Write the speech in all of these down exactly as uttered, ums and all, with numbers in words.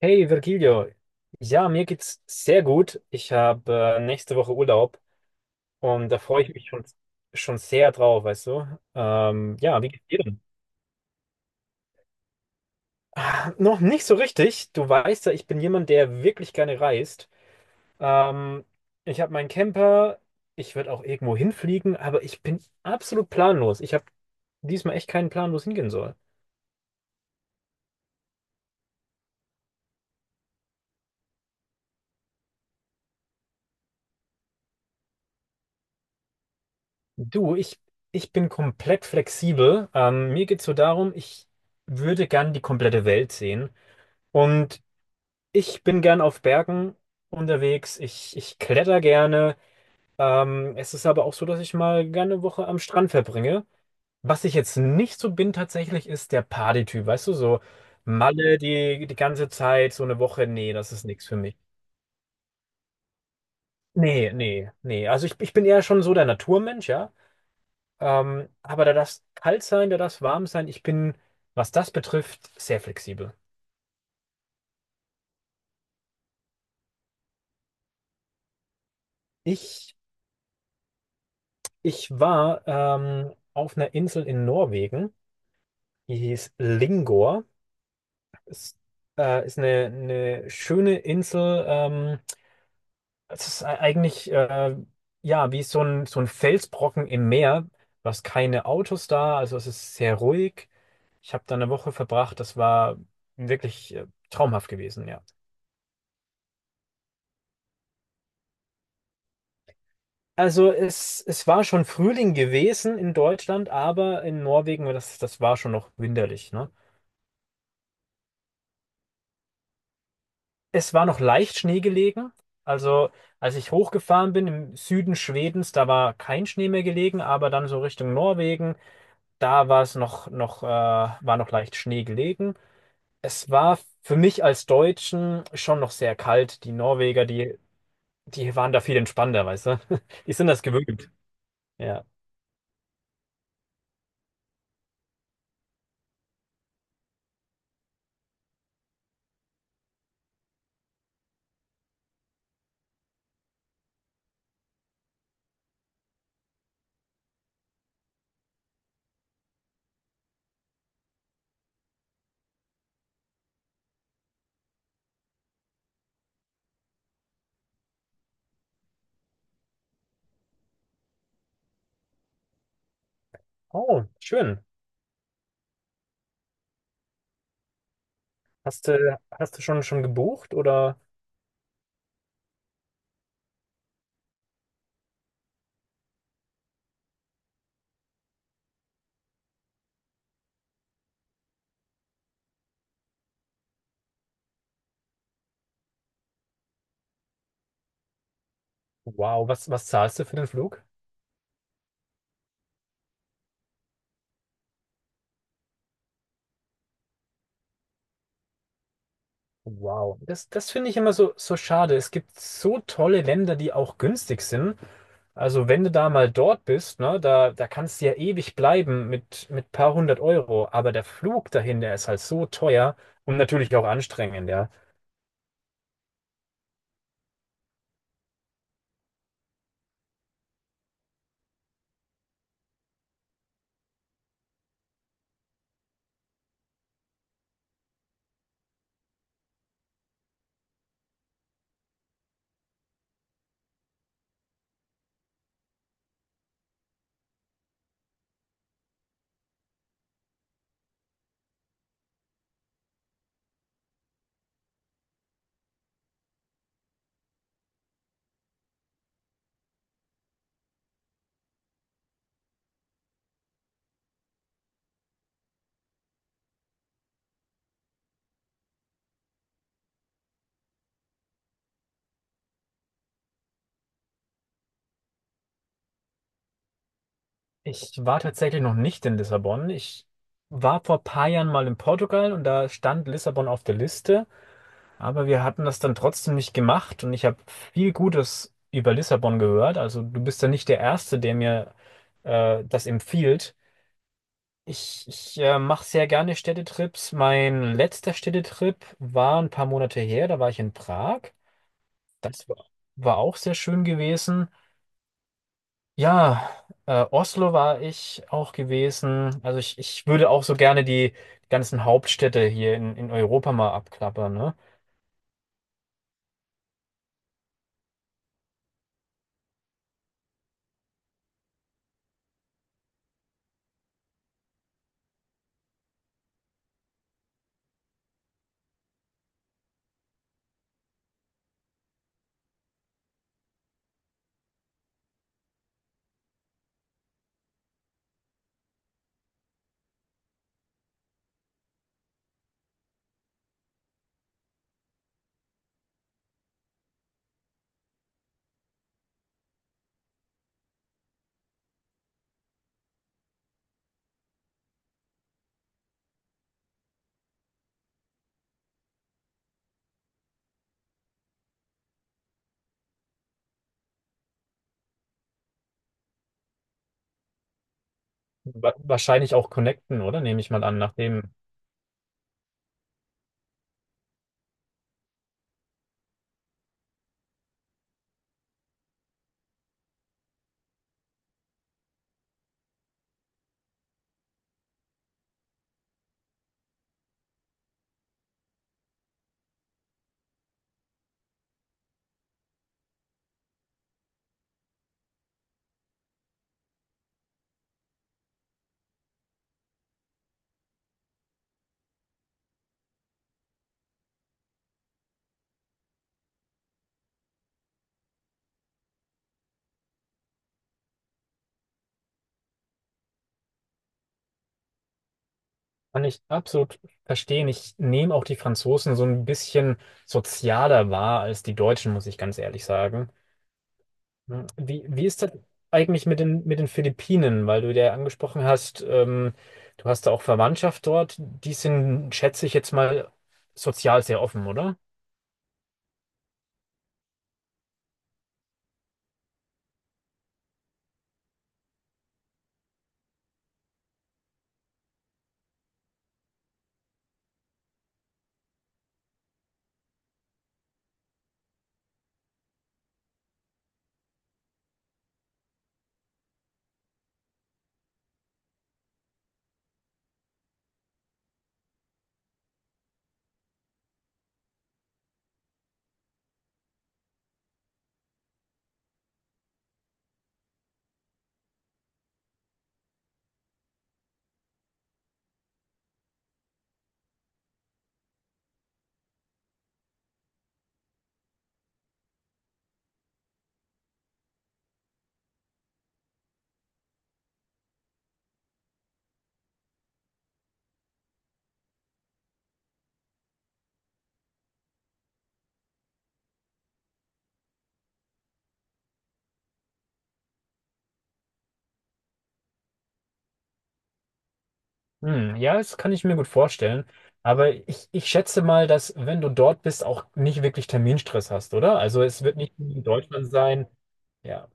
Hey Virgilio, ja, mir geht's sehr gut. Ich habe äh, nächste Woche Urlaub und da freue ich mich schon, schon sehr drauf, weißt du? Ähm, ja, wie geht's dir denn? Noch nicht so richtig. Du weißt ja, ich bin jemand, der wirklich gerne reist. Ähm, ich habe meinen Camper, ich würde auch irgendwo hinfliegen, aber ich bin absolut planlos. Ich habe diesmal echt keinen Plan, wo es hingehen soll. Du, ich, ich bin komplett flexibel. Ähm, mir geht's so darum, ich würde gern die komplette Welt sehen. Und ich bin gern auf Bergen unterwegs. Ich, ich kletter gerne. Ähm, es ist aber auch so, dass ich mal gerne eine Woche am Strand verbringe. Was ich jetzt nicht so bin tatsächlich, ist der Party-Typ. Weißt du, so Malle die, die ganze Zeit, so eine Woche. Nee, das ist nichts für mich. Nee, nee, nee. Also ich, ich bin eher schon so der Naturmensch, ja. Ähm, aber da darf kalt sein, da darf warm sein. Ich bin, was das betrifft, sehr flexibel. Ich, ich war ähm, auf einer Insel in Norwegen. Die hieß Lingor. Ist, äh, ist eine, eine schöne Insel. Ähm, es ist e- eigentlich äh, ja wie so ein, so ein Felsbrocken im Meer. Du hast keine Autos da, also es ist sehr ruhig. Ich habe da eine Woche verbracht. Das war wirklich äh, traumhaft gewesen, ja. Also es, es war schon Frühling gewesen in Deutschland, aber in Norwegen, das, das war schon noch winterlich, ne? Es war noch leicht Schnee gelegen. Also, als ich hochgefahren bin im Süden Schwedens, da war kein Schnee mehr gelegen, aber dann so Richtung Norwegen, da war es noch, noch, äh, war noch leicht Schnee gelegen. Es war für mich als Deutschen schon noch sehr kalt. Die Norweger, die, die waren da viel entspannter, weißt du? Die sind das gewöhnt. Ja. Oh, schön. Hast du, hast du schon, schon gebucht oder? Wow, was, was zahlst du für den Flug? Wow, das, das finde ich immer so, so schade. Es gibt so tolle Länder, die auch günstig sind. Also wenn du da mal dort bist, ne, da, da kannst du ja ewig bleiben mit, mit paar hundert Euro. Aber der Flug dahin, der ist halt so teuer und natürlich auch anstrengend, ja. Ich war tatsächlich noch nicht in Lissabon. Ich war vor ein paar Jahren mal in Portugal und da stand Lissabon auf der Liste. Aber wir hatten das dann trotzdem nicht gemacht und ich habe viel Gutes über Lissabon gehört. Also du bist ja nicht der Erste, der mir äh, das empfiehlt. Ich, ich äh, mache sehr gerne Städtetrips. Mein letzter Städtetrip war ein paar Monate her, da war ich in Prag. Das war, war auch sehr schön gewesen. Ja, äh, Oslo war ich auch gewesen. Also ich, ich würde auch so gerne die ganzen Hauptstädte hier in, in Europa mal abklappern, ne? Wa- Wahrscheinlich auch connecten, oder? Nehme ich mal an. Nachdem kann ich absolut verstehen. Ich nehme auch die Franzosen so ein bisschen sozialer wahr als die Deutschen, muss ich ganz ehrlich sagen. Hm. Wie, wie ist das eigentlich mit den, mit den Philippinen? Weil du ja angesprochen hast, ähm, du hast da auch Verwandtschaft dort. Die sind, schätze ich jetzt mal, sozial sehr offen, oder? Hm, ja, das kann ich mir gut vorstellen. Aber ich, ich schätze mal, dass, wenn du dort bist, auch nicht wirklich Terminstress hast, oder? Also es wird nicht wie in Deutschland sein. Ja,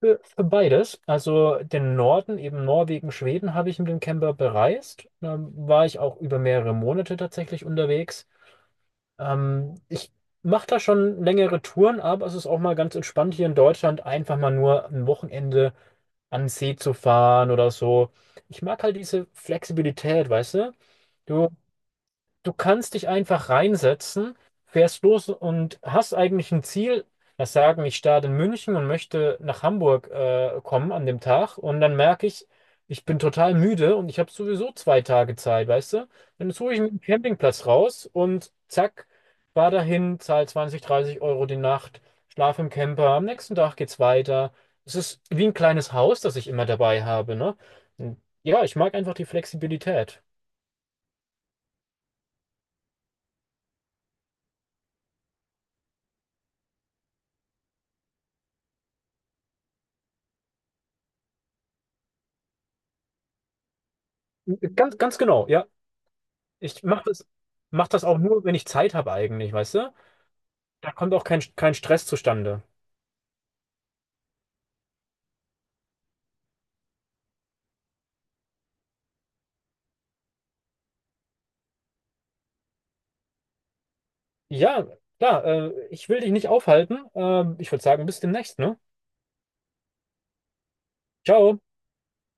für, für beides. Also den Norden, eben Norwegen, Schweden, habe ich mit dem Camper bereist. Da war ich auch über mehrere Monate tatsächlich unterwegs. Ähm, ich mache da schon längere Touren, aber es ist auch mal ganz entspannt hier in Deutschland, einfach mal nur ein Wochenende an den See zu fahren oder so. Ich mag halt diese Flexibilität, weißt du? Du, du kannst dich einfach reinsetzen, fährst los und hast eigentlich ein Ziel. Das sagen, ich starte in München und möchte nach Hamburg äh, kommen an dem Tag. Und dann merke ich, ich bin total müde und ich habe sowieso zwei Tage Zeit, weißt du? Dann suche ich mir einen Campingplatz raus und zack, fahr dahin, zahl zwanzig dreißig Euro die Nacht, schlaf im Camper. Am nächsten Tag geht's weiter. Es ist wie ein kleines Haus, das ich immer dabei habe, ne? Und ja, ich mag einfach die Flexibilität. Ganz, ganz genau, ja. Ich mache das, mach das auch nur, wenn ich Zeit habe eigentlich, weißt du? Da kommt auch kein, kein Stress zustande. Ja, klar, äh, ich will dich nicht aufhalten. Ähm, ich würde sagen, bis demnächst, ne? Ciao.